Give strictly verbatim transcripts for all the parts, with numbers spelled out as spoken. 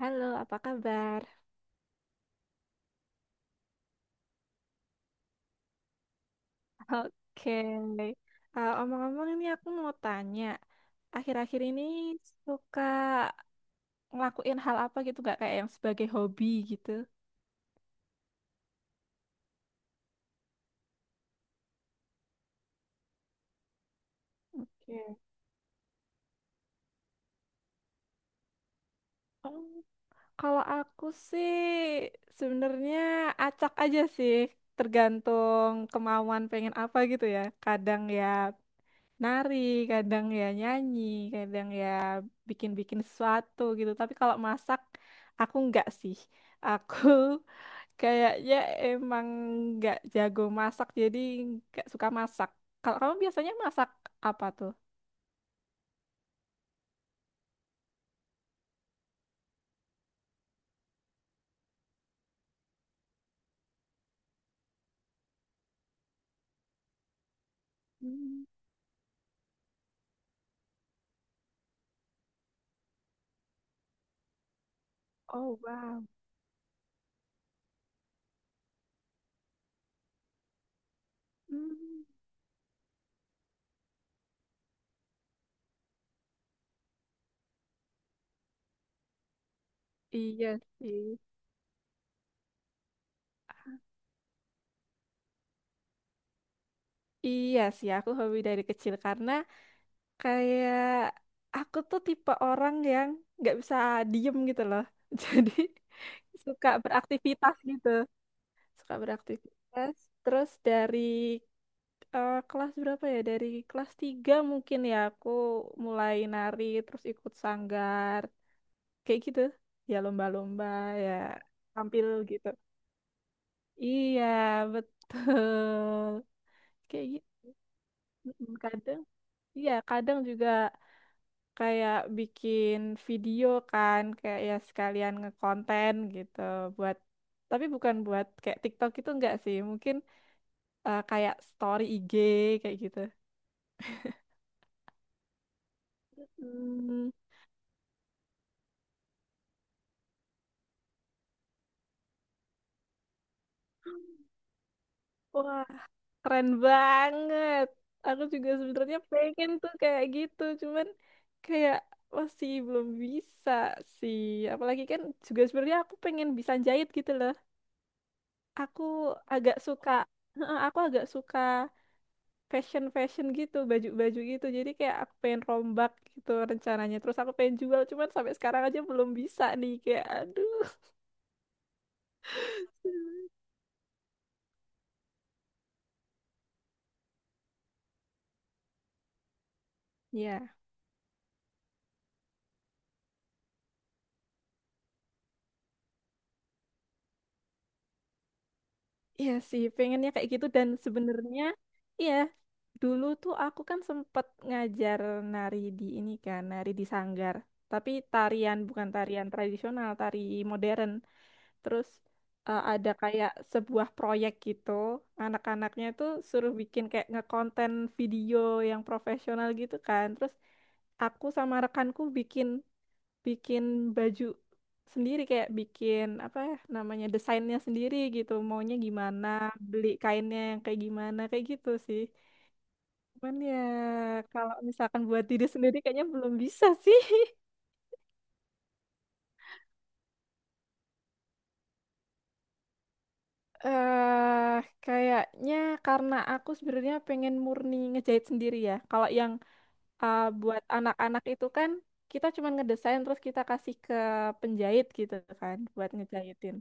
Halo, apa kabar? Oke. Eh, Omong-omong ini aku mau tanya, akhir-akhir ini suka ngelakuin hal apa gitu gak kayak yang sebagai hobi gitu? Oke. Oh, kalau aku sih sebenarnya acak aja sih, tergantung kemauan pengen apa gitu ya. Kadang ya nari, kadang ya nyanyi, kadang ya bikin-bikin sesuatu gitu. Tapi kalau masak aku enggak sih. Aku kayaknya emang nggak jago masak, jadi nggak suka masak. Kalau kamu biasanya masak apa tuh? Hmm. Oh, wow. Hmm. Iya sih. Iya sih, aku hobi dari kecil karena kayak aku tuh tipe orang yang nggak bisa diem gitu loh. Jadi suka beraktivitas gitu. Suka beraktivitas. Terus dari eh, kelas berapa ya? Dari kelas tiga mungkin ya aku mulai nari terus ikut sanggar kayak gitu. Ya lomba-lomba ya tampil gitu. Iya, betul. Kayak gitu. Mm, kadang iya, kadang juga kayak bikin video kan kayak ya sekalian ngekonten gitu buat tapi bukan buat kayak TikTok itu enggak sih. Mungkin eh, kayak story I G kayak gitu. Hmm. Wah, keren banget. Aku juga sebenarnya pengen tuh kayak gitu, cuman kayak masih belum bisa sih. Apalagi kan juga sebenarnya aku pengen bisa jahit gitu loh. Aku agak suka. Heeh, aku agak suka fashion-fashion gitu, baju-baju gitu. Jadi kayak aku pengen rombak gitu rencananya. Terus aku pengen jual, cuman sampai sekarang aja belum bisa nih. Kayak aduh. Ya. Iya sih, pengennya kayak gitu dan sebenarnya iya dulu tuh aku kan sempet ngajar nari di ini kan, nari di sanggar. Tapi tarian bukan tarian tradisional, tari modern. Terus eh, ada kayak sebuah proyek gitu, anak-anaknya tuh suruh bikin kayak ngekonten video yang profesional gitu kan. Terus aku sama rekanku bikin bikin baju sendiri kayak bikin apa ya namanya desainnya sendiri gitu maunya gimana beli kainnya yang kayak gimana kayak gitu sih cuman ya kalau misalkan buat diri sendiri kayaknya belum bisa sih eh kayaknya karena aku sebenarnya pengen murni ngejahit sendiri ya kalau yang uh, buat anak-anak itu kan kita cuma ngedesain terus kita kasih ke penjahit gitu kan buat ngejahitin.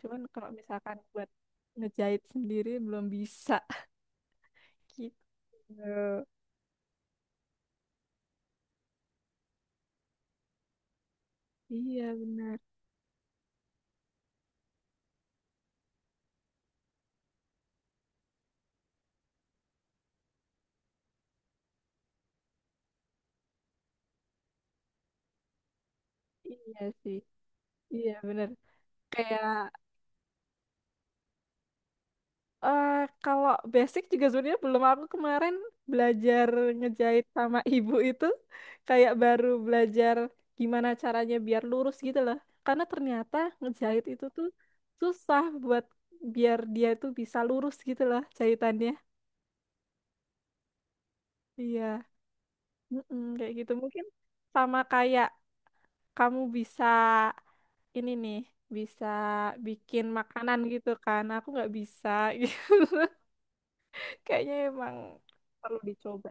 Cuman kalau misalkan buat ngejahit sendiri belum bisa gitu. Iya benar. Iya sih. Iya benar. Kayak Eh, kalau basic juga sebenarnya belum aku kemarin belajar ngejahit sama ibu itu kayak baru belajar gimana caranya biar lurus gitu loh. Karena ternyata ngejahit itu tuh susah buat biar dia tuh bisa lurus gitu loh jahitannya. Iya, mm-mm, kayak gitu mungkin sama kayak kamu bisa ini nih bisa bikin makanan gitu kan. Aku nggak bisa. Kayaknya emang perlu dicoba.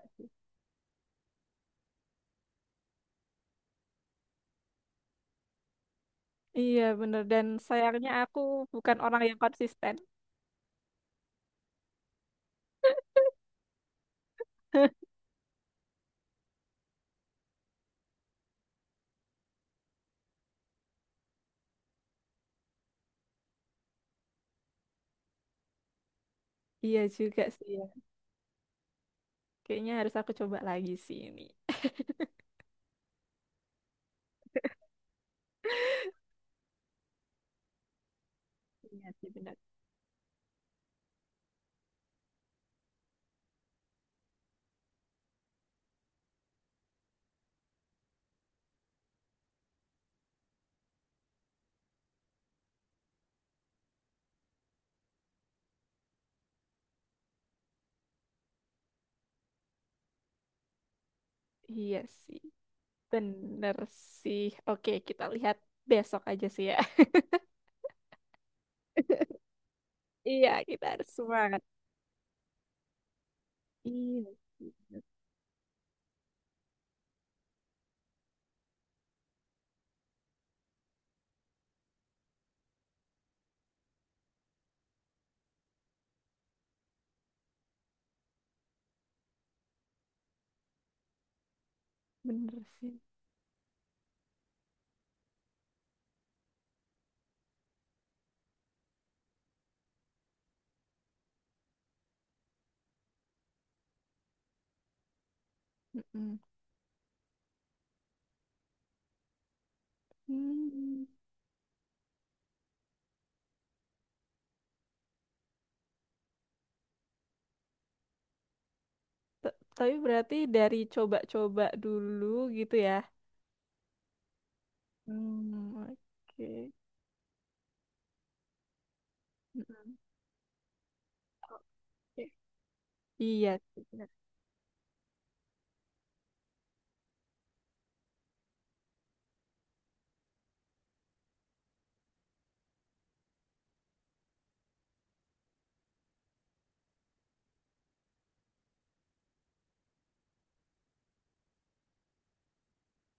Iya, bener. Dan sayangnya aku bukan orang yang konsisten. Iya juga sih ya. Kayaknya harus aku coba lagi sih ini. Iya sih, bener. Iya sih. Bener sih. Oke, kita lihat besok aja sih ya. Iya, kita harus semangat. Iya sih. Bener Bener sih. Mm-mm. Hmm. T- Tapi berarti dari coba-coba dulu gitu ya. Hmm, oke. Mm-mm. Oke. Iya sih, bener.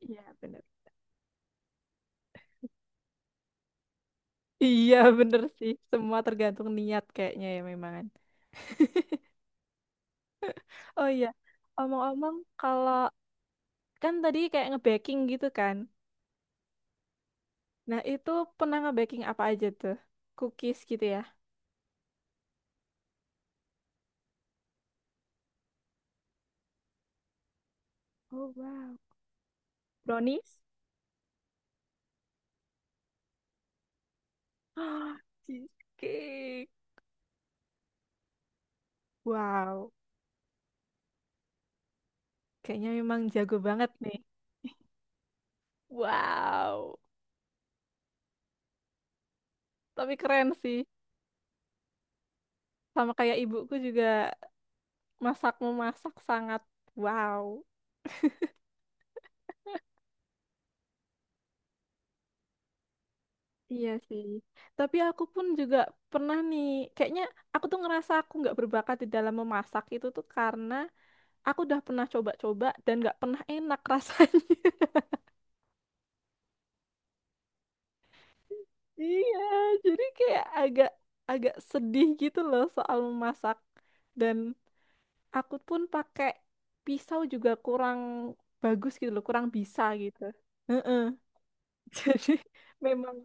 Iya, bener. Iya, bener sih. Semua tergantung niat kayaknya ya memang. Kan. Oh iya, omong-omong kalau kan tadi kayak nge-baking gitu kan. Nah, itu pernah nge-baking apa aja tuh? Cookies gitu ya? Oh, wow. Brownies? Cheesecake. Wow. Kayaknya memang jago banget nih. Wow. Tapi keren sih. Sama kayak ibuku juga masak memasak sangat wow. Iya sih. Tapi aku pun juga pernah nih, kayaknya aku tuh ngerasa aku nggak berbakat di dalam memasak itu tuh karena aku udah pernah coba-coba dan nggak pernah enak rasanya. Iya, jadi kayak agak agak sedih gitu loh soal memasak. Dan aku pun pakai pisau juga kurang bagus gitu loh, kurang bisa gitu. Heeh. Jadi memang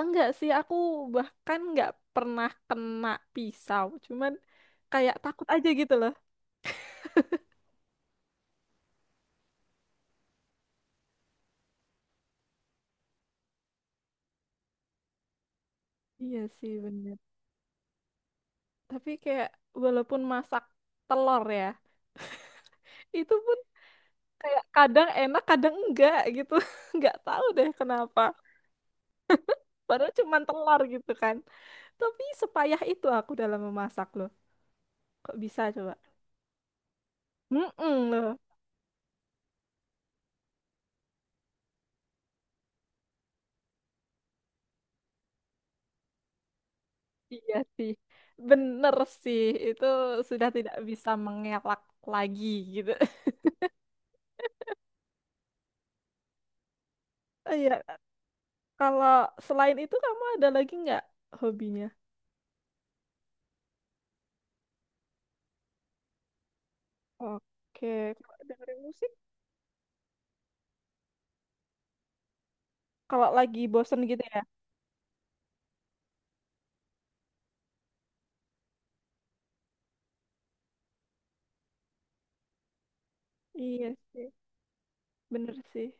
enggak sih, aku bahkan nggak pernah kena pisau. Cuman kayak takut aja gitu loh. Iya sih, bener. Tapi kayak walaupun masak telur ya, itu pun kayak kadang enak, kadang enggak gitu. Nggak tahu deh kenapa. Padahal cuman telur gitu kan. Tapi sepayah itu aku dalam memasak loh. Kok bisa coba? Mm loh. Iya sih. Bener sih, itu sudah tidak bisa mengelak lagi gitu. Iya, kalau selain itu kamu ada lagi nggak hobinya? Oke, kalau dengerin musik, kalau lagi bosen gitu ya? Iya sih, bener sih.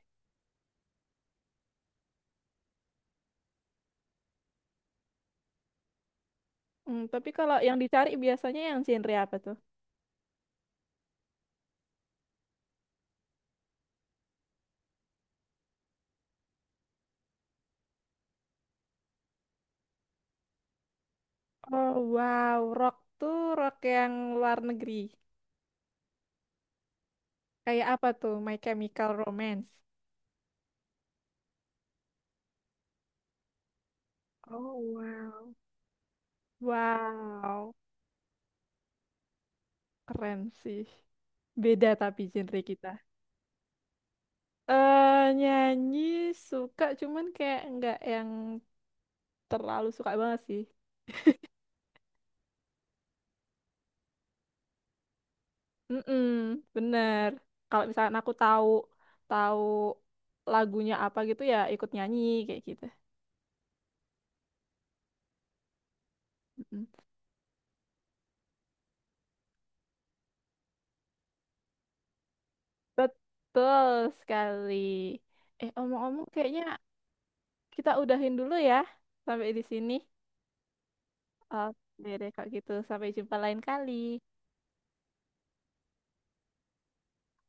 Hmm, tapi kalau yang dicari biasanya yang genre apa tuh? Oh wow, rock tuh rock yang luar negeri. Kayak apa tuh? My Chemical Romance. Oh wow. Wow, keren sih. Beda tapi genre kita. eh nyanyi suka, cuman kayak nggak yang terlalu suka banget sih. Mm-mm, bener. Kalau misalkan aku tahu tahu lagunya apa gitu ya ikut nyanyi kayak gitu. Mm-mm. Betul sekali. Eh omong-omong kayaknya kita udahin dulu ya sampai di sini. Oke deh kalau gitu sampai jumpa lain kali.